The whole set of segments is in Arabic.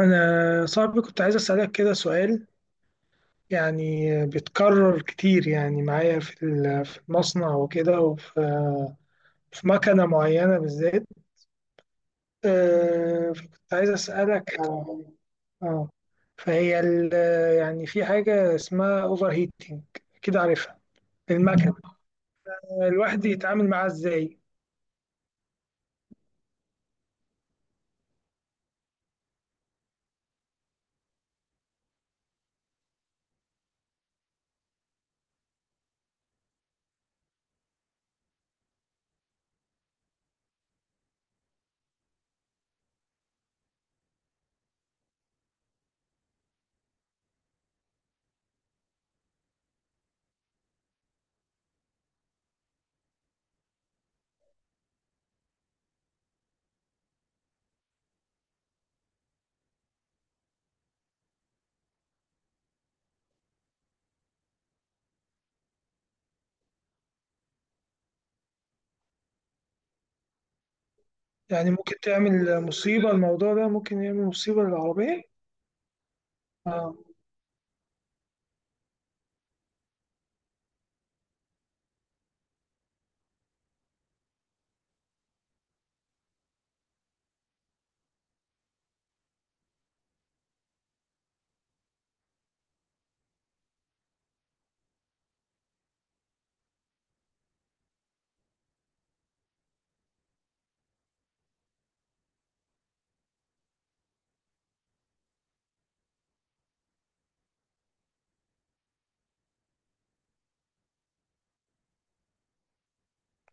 أنا صاحبي كنت عايز أسألك كده سؤال يعني بيتكرر كتير يعني معايا في المصنع وكده وفي مكنة معينة بالذات، فكنت عايز أسألك اه فهي ال- يعني في حاجة اسمها أوفر هيتنج، أكيد عارفها المكنة. الواحد يتعامل معاها إزاي؟ يعني ممكن تعمل مصيبة، الموضوع ده ممكن يعمل مصيبة للعربية. اه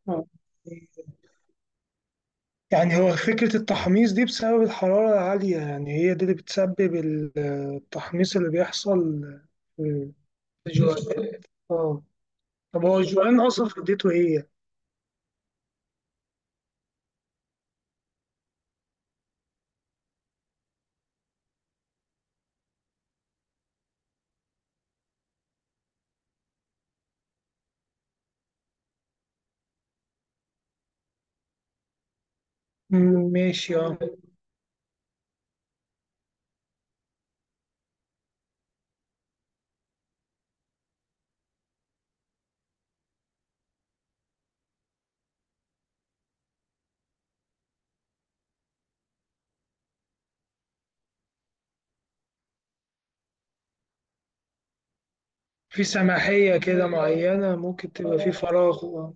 اه، يعني هو فكرة التحميص دي بسبب الحرارة العالية، يعني هي دي اللي بتسبب التحميص اللي بيحصل في الجوان. اه. طب هو الجوان أصلا فديته ايه؟ مم، ماشي اه. في سماحية كده معينة ممكن تبقى في فراغ آه.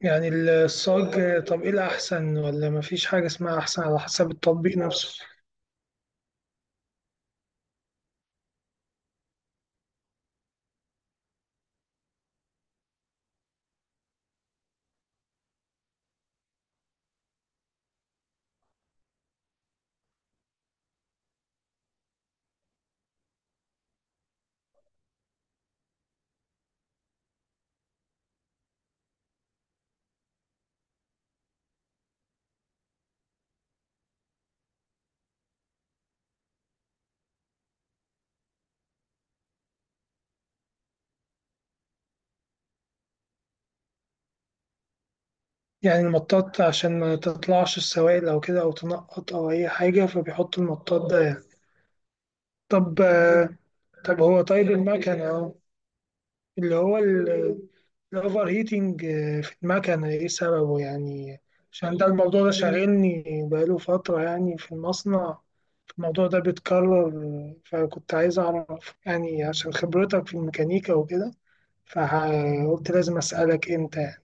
يعني الصاج، طب ايه الأحسن ولا مفيش حاجة اسمها أحسن، على حسب التطبيق نفسه. يعني المطاط عشان ما تطلعش السوائل أو كده أو تنقط أو أي حاجة فبيحطوا المطاط ده يعني. طب آه، طب هو طيب المكنة أهو، اللي هو الأوفر هيتنج في المكنة إيه سببه يعني، عشان ده الموضوع ده شاغلني بقاله فترة يعني في المصنع، الموضوع ده بيتكرر، فكنت عايز أعرف يعني عشان خبرتك في الميكانيكا وكده، فقلت لازم أسألك أنت يعني.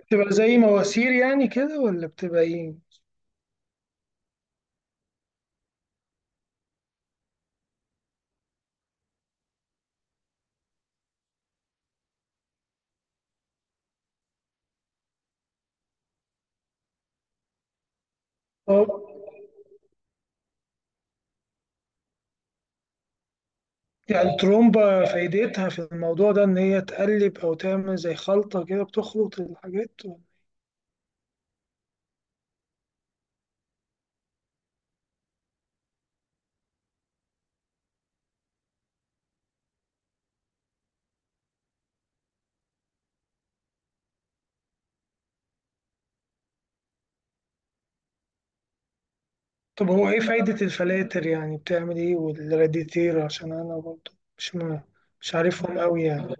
بتبقى زي مواسير يعني كده ولا بتبقى إيه؟ أه، يعني الترومبة فايدتها في الموضوع ده إن هي تقلب أو تعمل زي خلطة كده بتخلط الحاجات. طب هو ايه فايدة الفلاتر يعني بتعمل ايه والراديتير، عشان انا برضه مش م... مش عارفهم قوي يعني.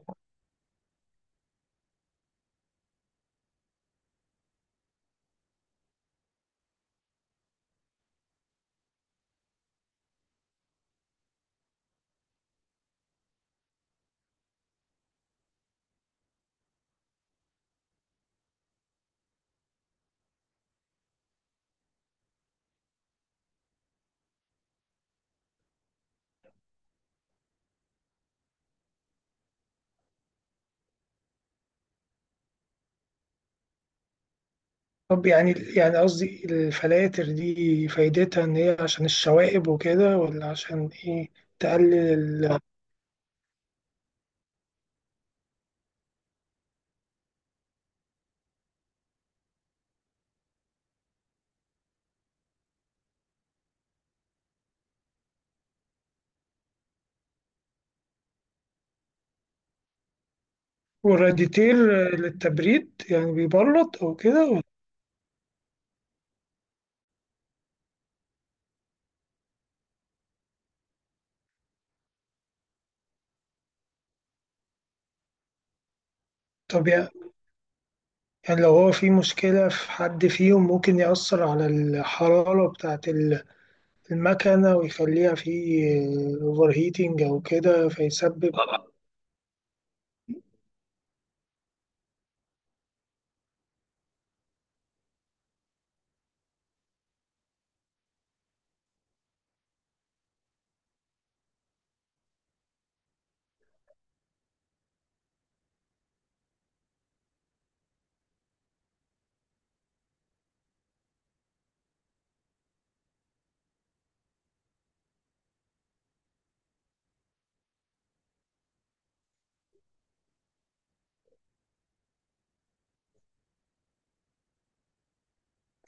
طب يعني قصدي الفلاتر دي فايدتها ان هي عشان الشوائب وكده ولا عشان ايه، تقلل ال... والراديتير للتبريد يعني بيبرد او كده ولا-. طب يعني لو هو في مشكلة في حد فيهم ممكن يأثر على الحرارة بتاعة المكنة ويخليها في اوفر هيتنج او كده فيسبب.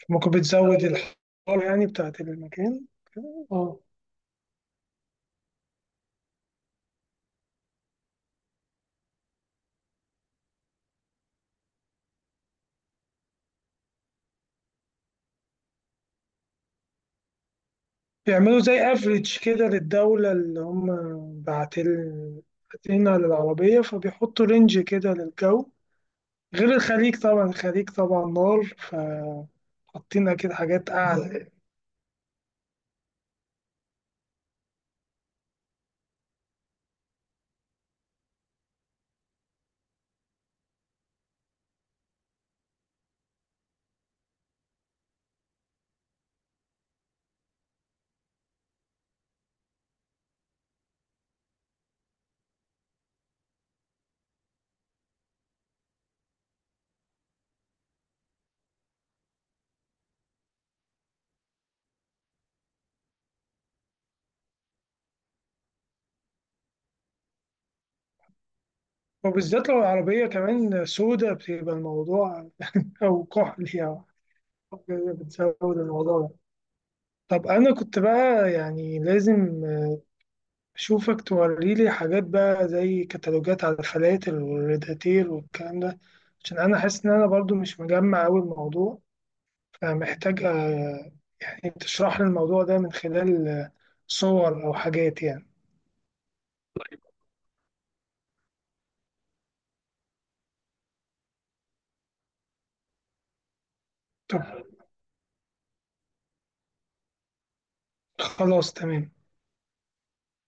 ممكن بتزود الحرارة يعني بتاعة المكان. اه بيعملوا زي افريج كده للدولة اللي هم باعتين باعتينها للعربية فبيحطوا رينج كده للجو، غير الخليج طبعا، الخليج طبعا نار، فحاطين أكيد حاجات أعلى. وبالذات لو العربية كمان سودة بتبقى الموضوع أو كحل يعني، بتزود الموضوع. طب أنا كنت بقى يعني لازم أشوفك توريلي حاجات بقى زي كتالوجات على الفلاتر والريداتير والكلام ده، عشان أنا حاسس إن أنا برضو مش مجمع أوي الموضوع، فمحتاج يعني تشرح لي الموضوع ده من خلال صور أو حاجات يعني. طب خلاص تمام.